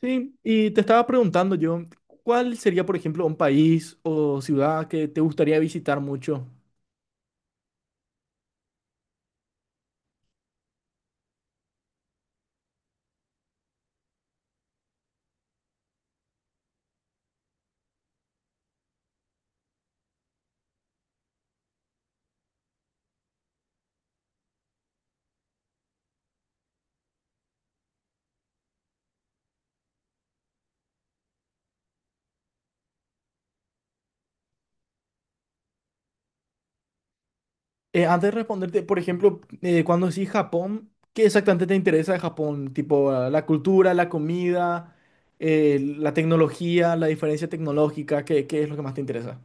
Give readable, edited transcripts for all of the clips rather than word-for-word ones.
Sí, y te estaba preguntando yo, ¿cuál sería, por ejemplo, un país o ciudad que te gustaría visitar mucho? Antes de responderte, por ejemplo, cuando decís Japón, ¿qué exactamente te interesa de Japón? Tipo, ah, la cultura, la comida, la tecnología, la diferencia tecnológica, ¿qué es lo que más te interesa?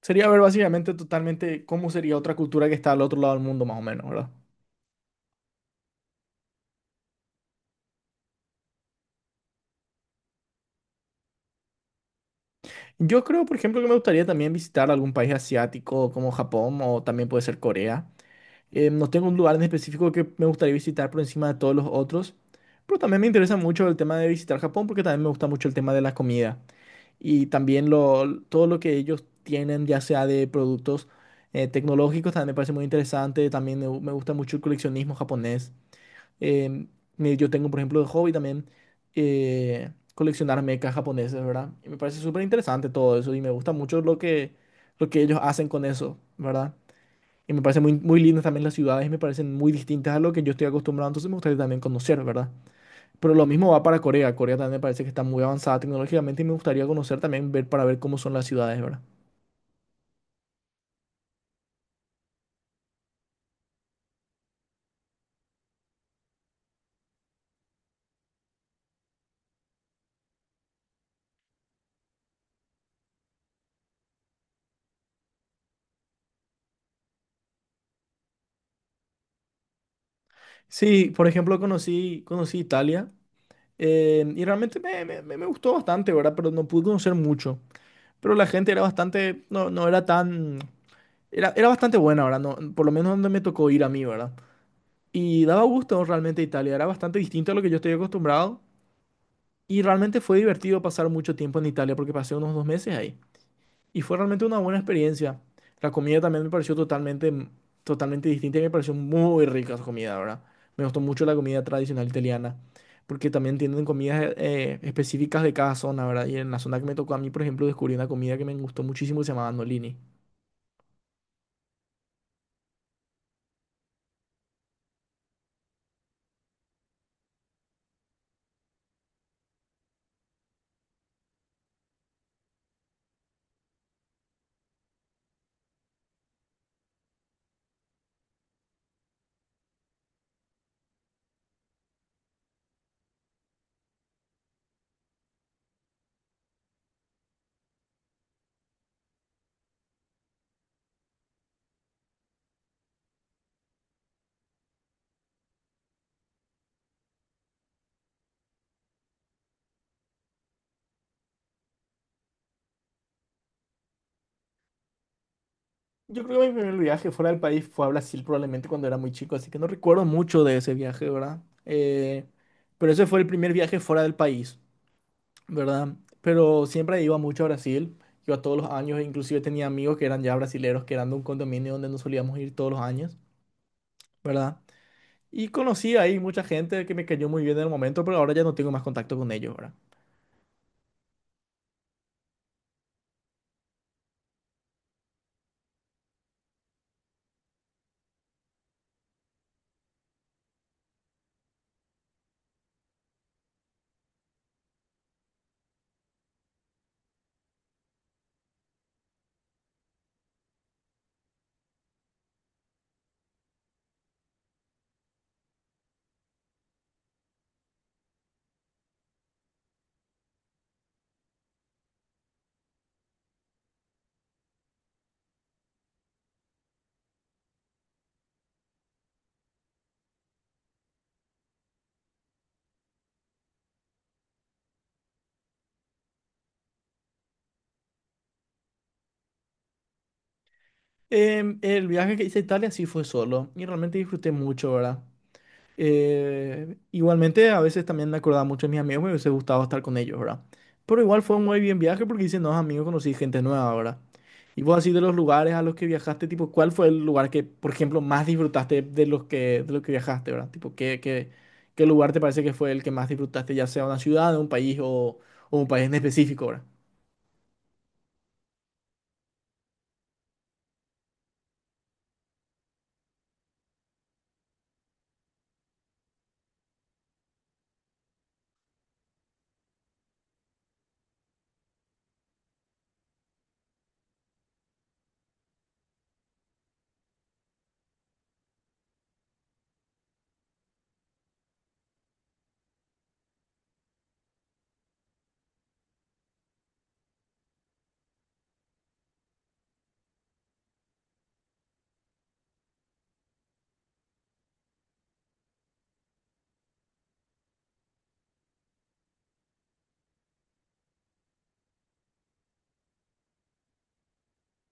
Sería ver básicamente totalmente cómo sería otra cultura que está al otro lado del mundo, más o menos, ¿verdad? Yo creo, por ejemplo, que me gustaría también visitar algún país asiático como Japón o también puede ser Corea. No tengo un lugar en específico que me gustaría visitar por encima de todos los otros, pero también me interesa mucho el tema de visitar Japón porque también me gusta mucho el tema de la comida y también todo lo que ellos tienen, ya sea de productos tecnológicos, también me parece muy interesante. También me gusta mucho el coleccionismo japonés. Eh, yo tengo, por ejemplo, de hobby también coleccionar mechas japoneses, ¿verdad? Y me parece súper interesante todo eso y me gusta mucho lo que ellos hacen con eso, ¿verdad? Y me parece muy lindas también las ciudades y me parecen muy distintas a lo que yo estoy acostumbrado, entonces me gustaría también conocer, ¿verdad? Pero lo mismo va para Corea. Corea también me parece que está muy avanzada tecnológicamente y me gustaría conocer también, ver para ver cómo son las ciudades, ¿verdad? Sí, por ejemplo, conocí Italia y realmente me gustó bastante, ¿verdad? Pero no pude conocer mucho. Pero la gente era bastante, no, no era tan, era, era bastante buena, ¿verdad? No, por lo menos donde me tocó ir a mí, ¿verdad? Y daba gusto realmente Italia, era bastante distinto a lo que yo estoy acostumbrado y realmente fue divertido pasar mucho tiempo en Italia porque pasé unos dos meses ahí y fue realmente una buena experiencia. La comida también me pareció totalmente distinta y me pareció muy rica su comida, ¿verdad? Me gustó mucho la comida tradicional italiana porque también tienen comidas específicas de cada zona, ¿verdad? Y en la zona que me tocó a mí, por ejemplo, descubrí una comida que me gustó muchísimo que se llamaba Nolini. Yo creo que mi primer viaje fuera del país fue a Brasil probablemente cuando era muy chico, así que no recuerdo mucho de ese viaje, ¿verdad? Pero ese fue el primer viaje fuera del país, ¿verdad? Pero siempre iba mucho a Brasil, iba todos los años, e inclusive tenía amigos que eran ya brasileros, que eran de un condominio donde nos solíamos ir todos los años, ¿verdad? Y conocí ahí mucha gente que me cayó muy bien en el momento, pero ahora ya no tengo más contacto con ellos, ¿verdad? El viaje que hice a Italia sí fue solo y realmente disfruté mucho, ¿verdad? Igualmente, a veces también me acordaba mucho de mis amigos, me hubiese gustado estar con ellos, ¿verdad? Pero igual fue un muy bien viaje porque hice nuevos amigos, conocí gente nueva, ¿verdad? Y vos así de los lugares a los que viajaste, tipo, ¿cuál fue el lugar que, por ejemplo, más disfrutaste de los que viajaste, ¿verdad? Tipo, ¿qué lugar te parece que fue el que más disfrutaste, ya sea una ciudad, o un país en específico, ¿verdad?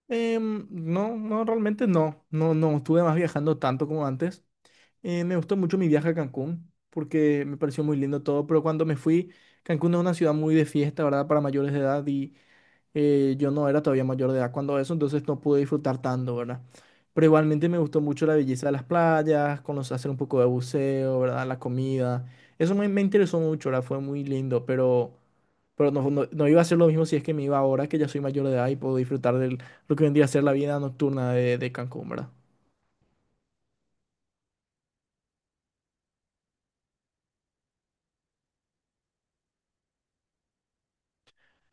No, realmente no. No estuve más viajando tanto como antes. Me gustó mucho mi viaje a Cancún porque me pareció muy lindo todo, pero cuando me fui, Cancún es una ciudad muy de fiesta, ¿verdad? Para mayores de edad y yo no era todavía mayor de edad cuando eso, entonces no pude disfrutar tanto, ¿verdad? Pero igualmente me gustó mucho la belleza de las playas, conocer, hacer un poco de buceo, ¿verdad? La comida. Eso me interesó mucho, ¿verdad? Fue muy lindo, pero no iba a ser lo mismo si es que me iba ahora, que ya soy mayor de edad y puedo disfrutar de lo que vendría a ser la vida nocturna de Cancún, ¿verdad?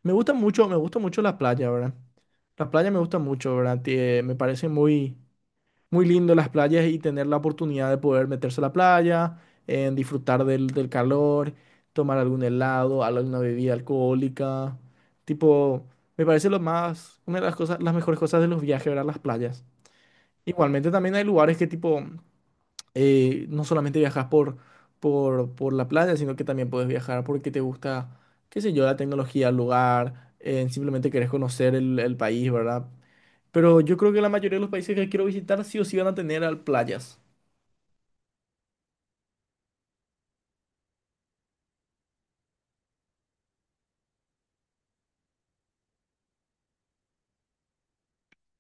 Me gusta mucho la playa, ¿verdad? Las playas me gustan mucho, ¿verdad? Muy lindo las playas y tener la oportunidad de poder meterse a la playa, en disfrutar del, del calor, tomar algún helado, alguna bebida alcohólica. Tipo, me parece una de las cosas, las mejores cosas de los viajes, ¿verdad? Las playas. Igualmente también hay lugares que tipo, no solamente viajas por la playa, sino que también puedes viajar porque te gusta, qué sé yo, la tecnología, el lugar, simplemente querés conocer el país, ¿verdad? Pero yo creo que la mayoría de los países que quiero visitar sí o sí van a tener playas.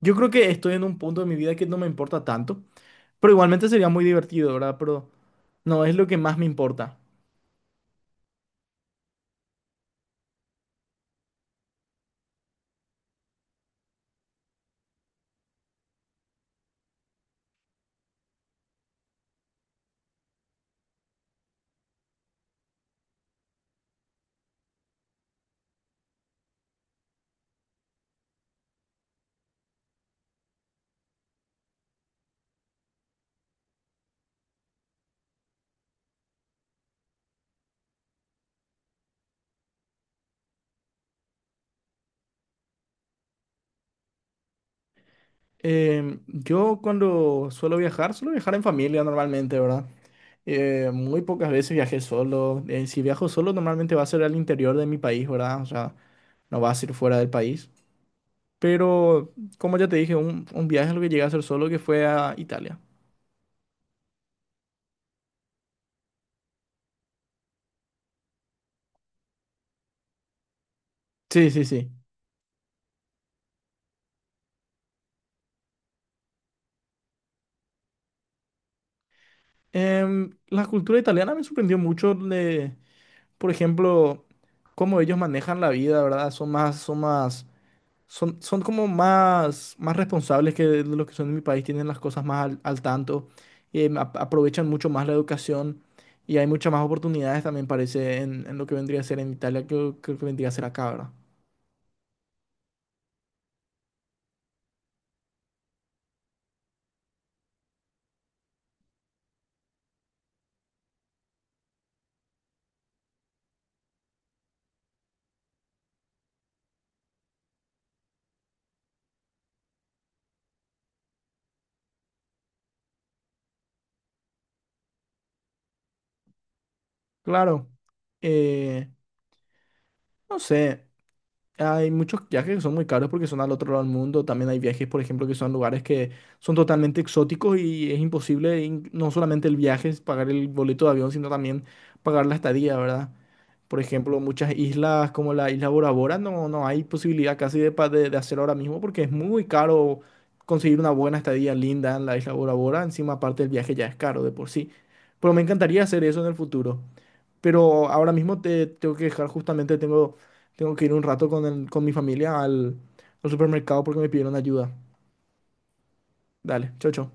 Yo creo que estoy en un punto de mi vida que no me importa tanto, pero igualmente sería muy divertido, ¿verdad? Pero no es lo que más me importa. Yo cuando suelo viajar en familia normalmente, ¿verdad? Muy pocas veces viajé solo. Si viajo solo, normalmente va a ser al interior de mi país, ¿verdad? O sea, no va a ser fuera del país. Pero, como ya te dije, un viaje es lo que llegué a hacer solo que fue a Italia. Sí, sí, sí. La cultura italiana me sorprendió mucho, por ejemplo, cómo ellos manejan la vida, ¿verdad? Son más, son como más responsables que de lo que son en mi país, tienen las cosas más al, al tanto, aprovechan mucho más la educación y hay muchas más oportunidades también parece en lo que vendría a ser en Italia que lo que vendría a ser acá, ¿verdad? Claro, eh, no sé. Hay muchos viajes que son muy caros porque son al otro lado del mundo. También hay viajes, por ejemplo, que son lugares que son totalmente exóticos y es imposible, no solamente el viaje, es pagar el boleto de avión, sino también pagar la estadía, ¿verdad? Por ejemplo, muchas islas como la isla Bora Bora no hay posibilidad casi de, de hacer ahora mismo porque es muy caro conseguir una buena estadía linda en la isla Bora Bora. Encima, aparte, el viaje ya es caro de por sí. Pero me encantaría hacer eso en el futuro. Pero ahora mismo te tengo que dejar, justamente tengo que ir un rato con mi familia al supermercado porque me pidieron ayuda. Dale, chau, chau.